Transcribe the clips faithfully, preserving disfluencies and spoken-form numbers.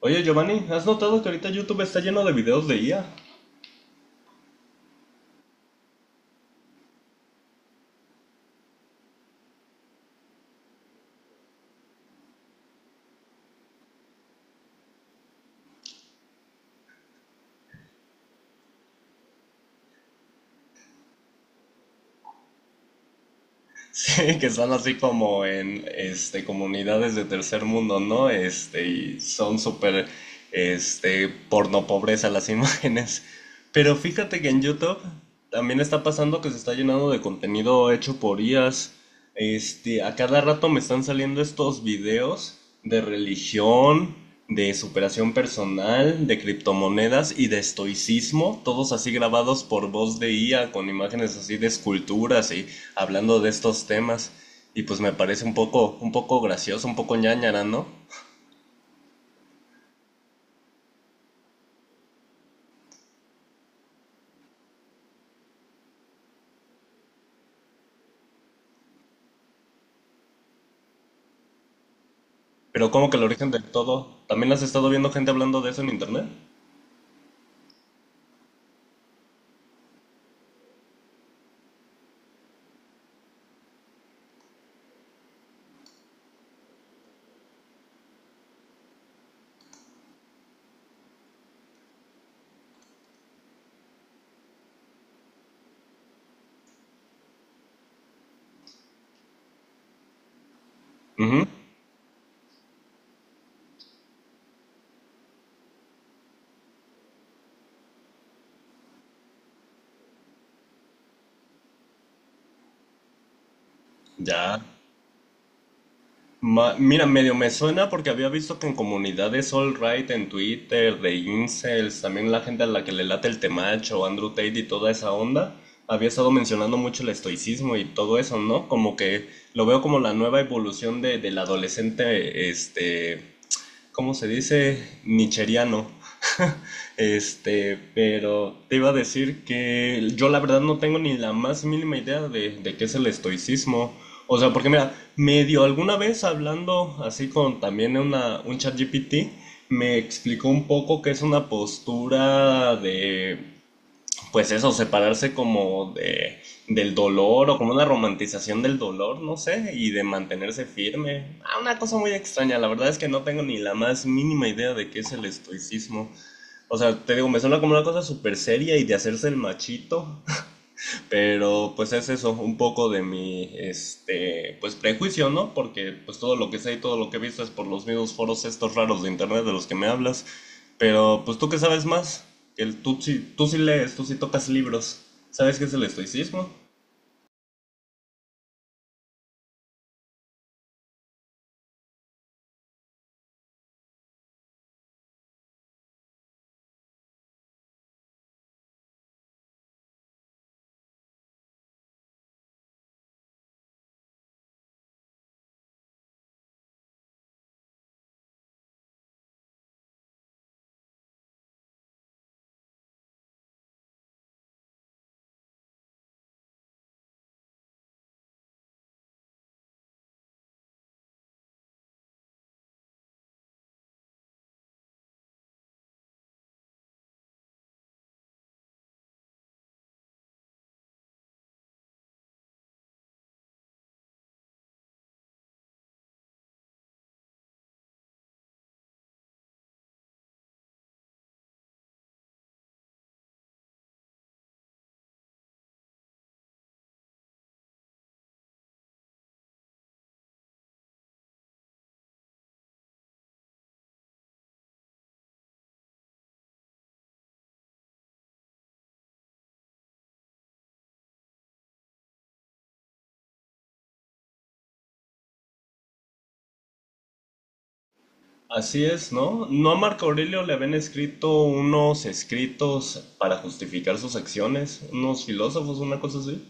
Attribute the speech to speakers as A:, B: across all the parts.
A: Oye, Giovanni, ¿has notado que ahorita YouTube está lleno de videos de I A? Sí, que están así como en este, comunidades de tercer mundo, ¿no? Este, y son súper este, porno pobreza las imágenes. Pero fíjate que en YouTube también está pasando que se está llenando de contenido hecho por I As. Este, a cada rato me están saliendo estos videos de religión, de superación personal, de criptomonedas y de estoicismo, todos así grabados por voz de I A, con imágenes así de esculturas y hablando de estos temas. Y pues me parece un poco, un poco gracioso, un poco ñañara, ¿no? Pero como que el origen del todo, ¿también has estado viendo gente hablando de eso en internet? Ujú. Ya. Ma- Mira, medio me suena porque había visto que en comunidades All Right, en Twitter, de incels, también la gente a la que le late el temacho, Andrew Tate y toda esa onda, había estado mencionando mucho el estoicismo y todo eso, ¿no? Como que lo veo como la nueva evolución de, del adolescente, este, ¿cómo se dice? Nicheriano. Este, pero te iba a decir que yo la verdad no tengo ni la más mínima idea de, de qué es el estoicismo. O sea, porque mira, medio alguna vez hablando así con también una, un chat G P T, me explicó un poco que es una postura de pues eso, separarse como de, del dolor o como una romantización del dolor, no sé, y de mantenerse firme. Ah, una cosa muy extraña, la verdad es que no tengo ni la más mínima idea de qué es el estoicismo. O sea, te digo, me suena como una cosa súper seria y de hacerse el machito, pero pues es eso, un poco de mi este pues prejuicio, ¿no? Porque pues todo lo que sé y todo lo que he visto es por los mismos foros estos raros de internet de los que me hablas. Pero pues ¿tú qué sabes más? El, tú, sí, tú sí lees, tú sí tocas libros. ¿Sabes qué es el estoicismo? Así es, ¿no? ¿No a Marco Aurelio le habían escrito unos escritos para justificar sus acciones? ¿Unos filósofos, una cosa así?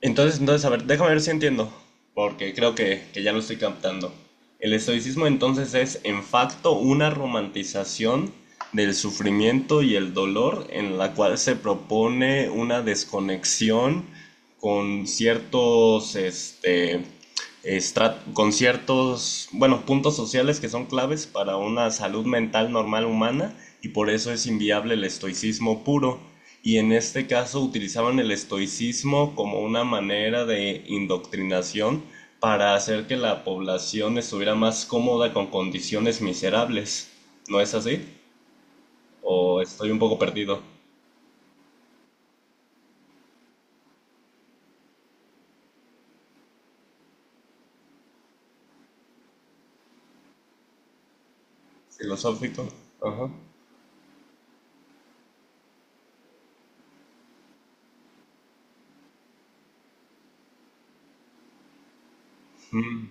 A: Entonces, entonces, a ver, déjame ver si entiendo, porque creo que, que ya lo estoy captando. El estoicismo entonces es, en facto, una romantización del sufrimiento y el dolor en la cual se propone una desconexión con ciertos, este, estra- con ciertos, bueno, puntos sociales que son claves para una salud mental normal humana, y por eso es inviable el estoicismo puro. Y en este caso utilizaban el estoicismo como una manera de indoctrinación para hacer que la población estuviera más cómoda con condiciones miserables. ¿No es así? ¿O estoy un poco perdido? Filosófico. Ajá. Mm.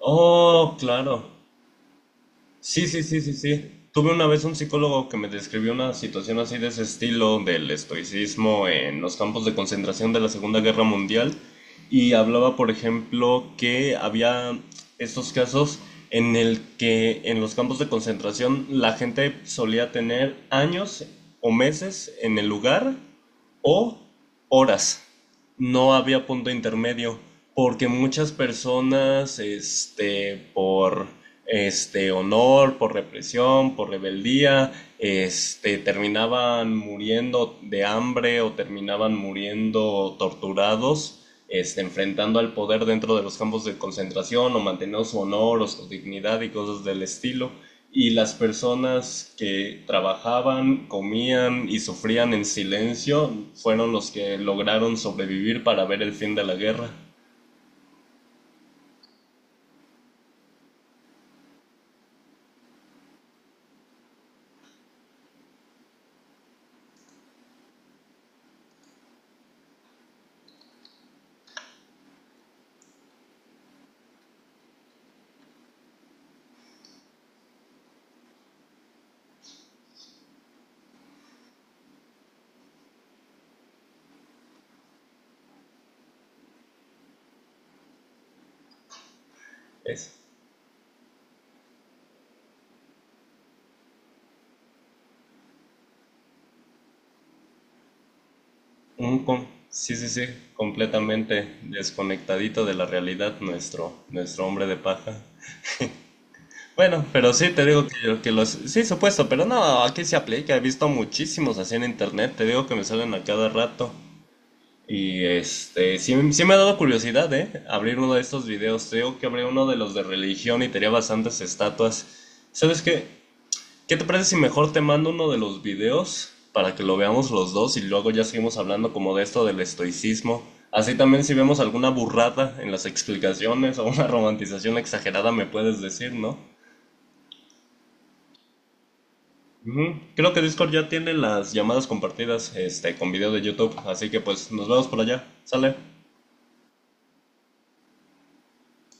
A: Oh, claro. Sí, sí, sí, sí, sí. Tuve una vez un psicólogo que me describió una situación así de ese estilo del estoicismo en los campos de concentración de la Segunda Guerra Mundial y hablaba, por ejemplo, que había estos casos en el que en los campos de concentración la gente solía tener años o meses en el lugar o horas, no había punto intermedio, porque muchas personas, este, por este honor, por represión, por rebeldía, este, terminaban muriendo de hambre o terminaban muriendo torturados, este, enfrentando al poder dentro de los campos de concentración o manteniendo su honor o su dignidad y cosas del estilo, y las personas que trabajaban, comían y sufrían en silencio fueron los que lograron sobrevivir para ver el fin de la guerra. Es un con- sí, sí, sí, completamente desconectadito de la realidad nuestro, nuestro hombre de paja. Bueno, pero sí, te digo que, que los... Sí, supuesto, pero no, aquí se aplica. He visto muchísimos así en internet. Te digo que me salen a cada rato. Y este, sí, sí me ha dado curiosidad, ¿eh? Abrir uno de estos videos. Tengo que abrir uno de los de religión y tenía bastantes estatuas. ¿Sabes qué? ¿Qué te parece si mejor te mando uno de los videos para que lo veamos los dos y luego ya seguimos hablando como de esto del estoicismo? Así también si vemos alguna burrada en las explicaciones o una romantización exagerada me puedes decir, ¿no? Ujú. Creo que Discord ya tiene las llamadas compartidas, este, con video de YouTube, así que pues nos vemos por allá. ¿Sale?